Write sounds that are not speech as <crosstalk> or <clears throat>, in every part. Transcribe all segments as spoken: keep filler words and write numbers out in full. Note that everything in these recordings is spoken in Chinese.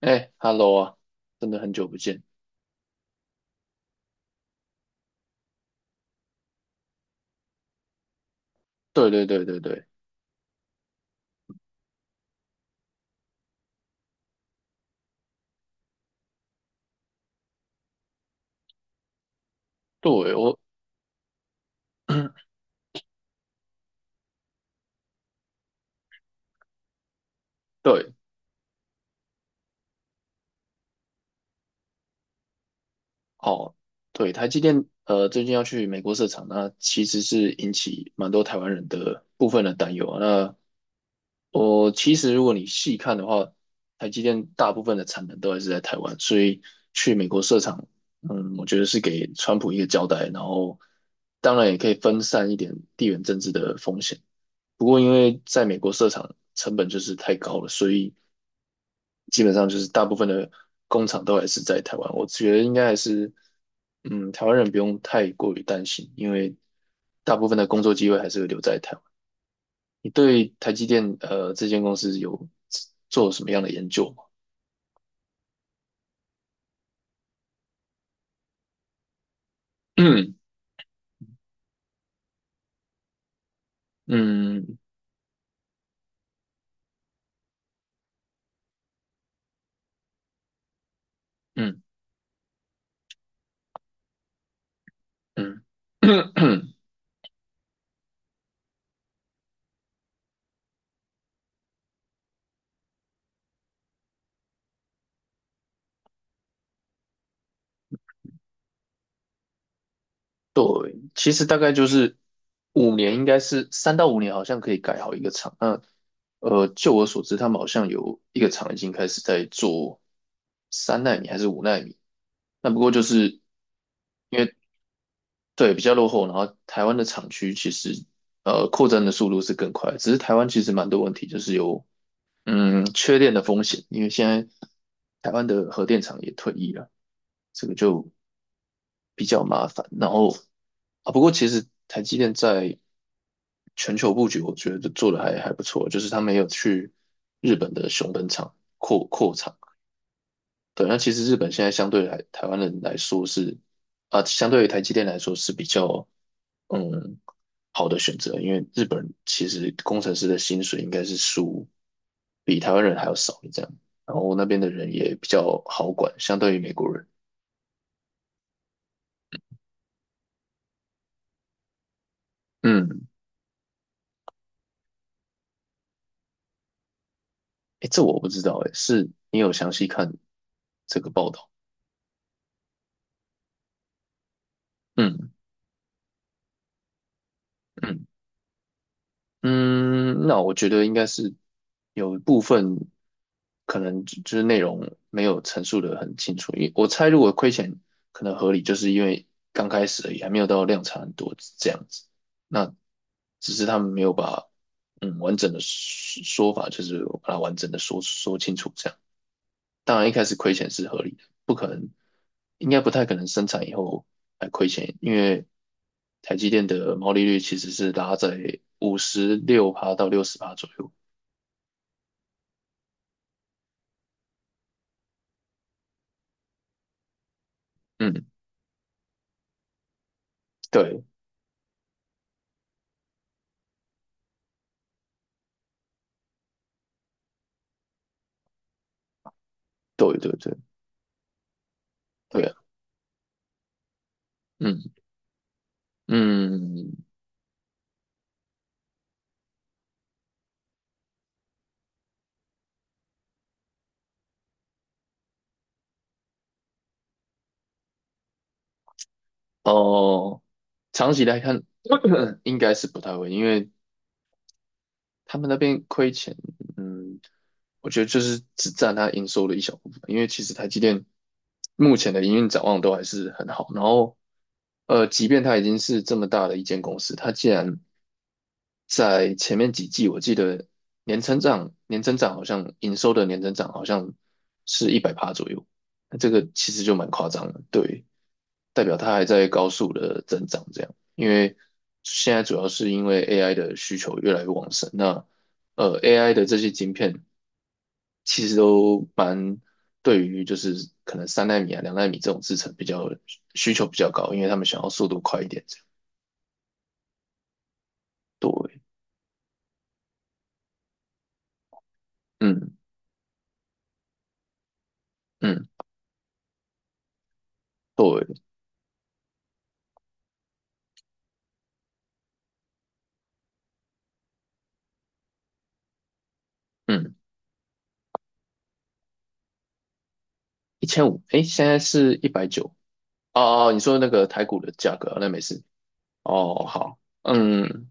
哎，Hello 啊，真的很久不见。对对对对对。对，我。对。哦，对台积电呃，最近要去美国设厂，那其实是引起蛮多台湾人的部分的担忧啊。那我其实如果你细看的话，台积电大部分的产能都还是在台湾，所以去美国设厂，嗯，我觉得是给川普一个交代，然后当然也可以分散一点地缘政治的风险。不过因为在美国设厂成本就是太高了，所以基本上就是大部分的工厂都还是在台湾。我觉得应该还是，嗯，台湾人不用太过于担心，因为大部分的工作机会还是会留在台湾。你对台积电呃这间公司有做什么样的研究吗？<clears throat> 嗯嗯嗯嗯。<clears throat> 其实大概就是五年，应该是三到五年，好像可以改好一个厂。那呃，就我所知，他们好像有一个厂已经开始在做三纳米还是五纳米。那不过就是，对，比较落后，然后台湾的厂区其实呃扩张的速度是更快，只是台湾其实蛮多问题，就是有嗯缺电的风险，因为现在台湾的核电厂也退役了，这个就比较麻烦。然后啊，不过其实台积电在全球布局，我觉得做的还还不错，就是他们也有去日本的熊本厂。对，那其实日本现在相对来台湾人来说是啊，相对于台积电来说是比较嗯好的选择，因为日本其实工程师的薪水应该是输比台湾人还要少的这样，然后那边的人也比较好管，相对于美国人，嗯。哎，这我不知道，哎，是你有详细看这个报道？嗯嗯嗯。那我觉得应该是有一部分可能就就是内容没有陈述的很清楚，因为我猜如果亏钱可能合理，就是因为刚开始而已，还没有到量产很多这样子。那只是他们没有把嗯完整的说说法，就是把它完整的说说清楚这样。当然一开始亏钱是合理的，不可能，应该不太可能生产以后还亏钱，因为台积电的毛利率其实是拉在五十六趴到六十趴左右。嗯。对。对对对对啊。嗯嗯。哦，长期来看 <coughs> <clears throat> 应该是不太会，因为他们那边亏钱，嗯，我觉得就是只占它营收的一小部分，因为其实台积电目前的营运展望都还是很好。然后，呃，即便它已经是这么大的一间公司，它竟然在前面几季，我记得年成长年增长好像营收的年增长好像是一百趴左右，那这个其实就蛮夸张的，对，代表它还在高速的增长这样。因为现在主要是因为 A I 的需求越来越旺盛。那呃，A I 的这些晶片其实都蛮对于就是可能三纳米啊、两纳米这种制程比较需求比较高，因为他们想要速度快一点这样。对。嗯嗯。对。嗯，一千五，诶，现在是一百九。哦哦，你说那个台股的价格啊，那没事。哦。好。嗯。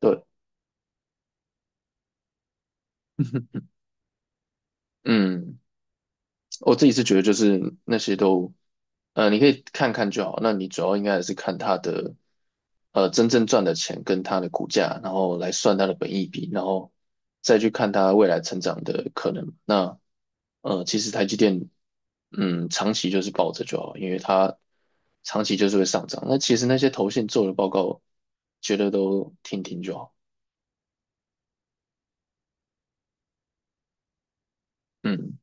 对。嗯。我自己是觉得就是那些都，呃，你可以看看就好。那你主要应该还是看它的，呃，真正赚的钱跟它的股价，然后来算它的本益比，然后再去看它未来成长的可能。那，呃，其实台积电，嗯，长期就是抱着就好，因为它长期就是会上涨。那其实那些投信做的报告，觉得都听听就好。嗯。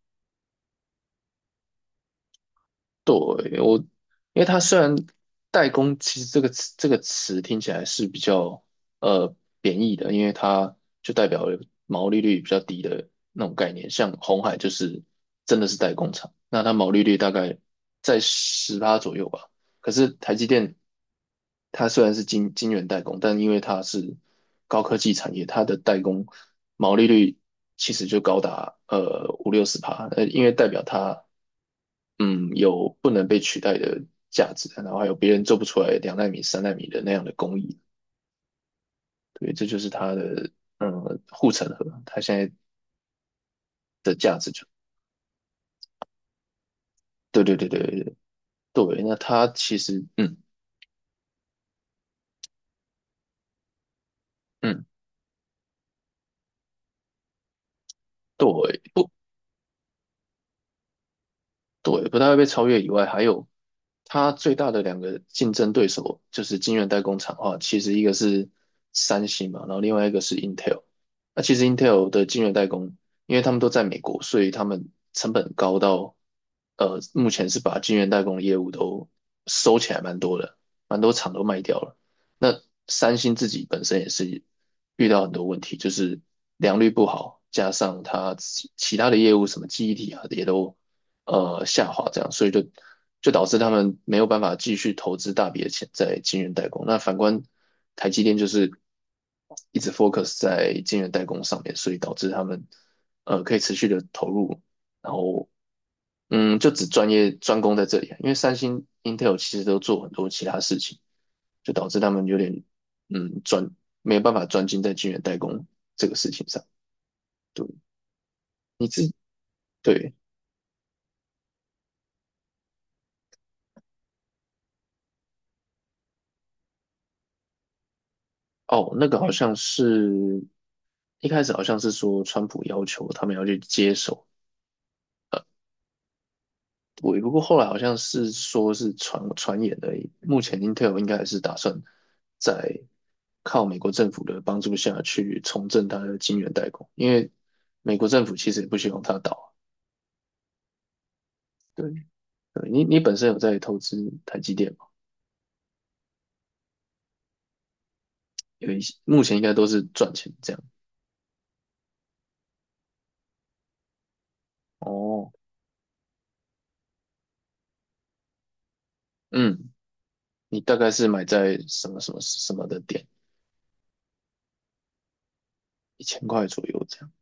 对，我，因为它虽然代工，其实这个词这个词听起来是比较呃贬义的，因为它就代表了毛利率比较低的那种概念。像红海就是真的是代工厂，那它毛利率大概在十趴左右吧。可是台积电，它虽然是金金圆代工，但因为它是高科技产业，它的代工毛利率其实就高达呃五六十趴，呃，因为代表它嗯，有不能被取代的价值，然后还有别人做不出来两纳米、三纳米的那样的工艺，对，这就是它的嗯护城河，它现在的价值就。对对对对对。对，那它其实，嗯嗯。对，不，对，不太会被超越以外，还有它最大的两个竞争对手就是晶圆代工厂的话，其实一个是三星嘛，然后另外一个是 Intel。那其实 Intel 的晶圆代工，因为他们都在美国，所以他们成本高到，呃，目前是把晶圆代工的业务都收起来蛮多的，蛮多厂都卖掉了。那三星自己本身也是遇到很多问题，就是良率不好，加上它其其他的业务什么记忆体啊也都呃下滑，这样，所以就就导致他们没有办法继续投资大笔的钱在晶圆代工。那反观台积电就是一直 focus 在晶圆代工上面，所以导致他们呃可以持续的投入，然后嗯就只专业专攻在这里啊，因为三星、Intel 其实都做很多其他事情，就导致他们有点嗯专没有办法专精在晶圆代工这个事情上。对。你自对。哦，那个好像是一开始好像是说川普要求他们要去接手，我不过后来好像是说是传传言而已。目前 Intel 应该还是打算在靠美国政府的帮助下去重振它的晶圆代工，因为美国政府其实也不希望它倒。对，对你你本身有在投资台积电吗？有一些目前应该都是赚钱这样。哦。嗯，你大概是买在什么什么什么的点，一千块左右这样。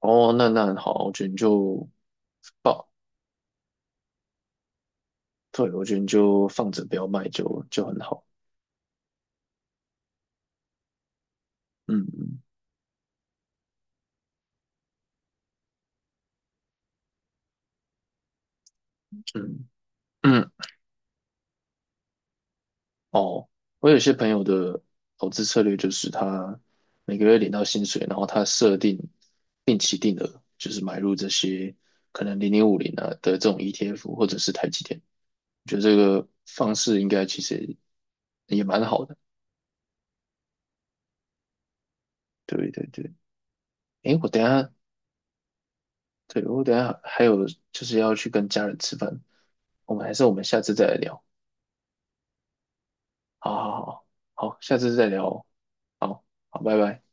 哦，那那很好，我觉得你就报，对，我觉得你就放着不要卖就就很好。嗯嗯嗯。哦，我有些朋友的投资策略就是他每个月领到薪水，然后他设定定期定额，就是买入这些可能零零五零啊的这种 E T F 或者是台积电，我觉得这个方式应该其实也蛮好的。对对对，诶，我等一下，对，我等一下还有就是要去跟家人吃饭，我们还是我们下次再来聊。好好好。好，下次再聊哦。好，好，拜拜。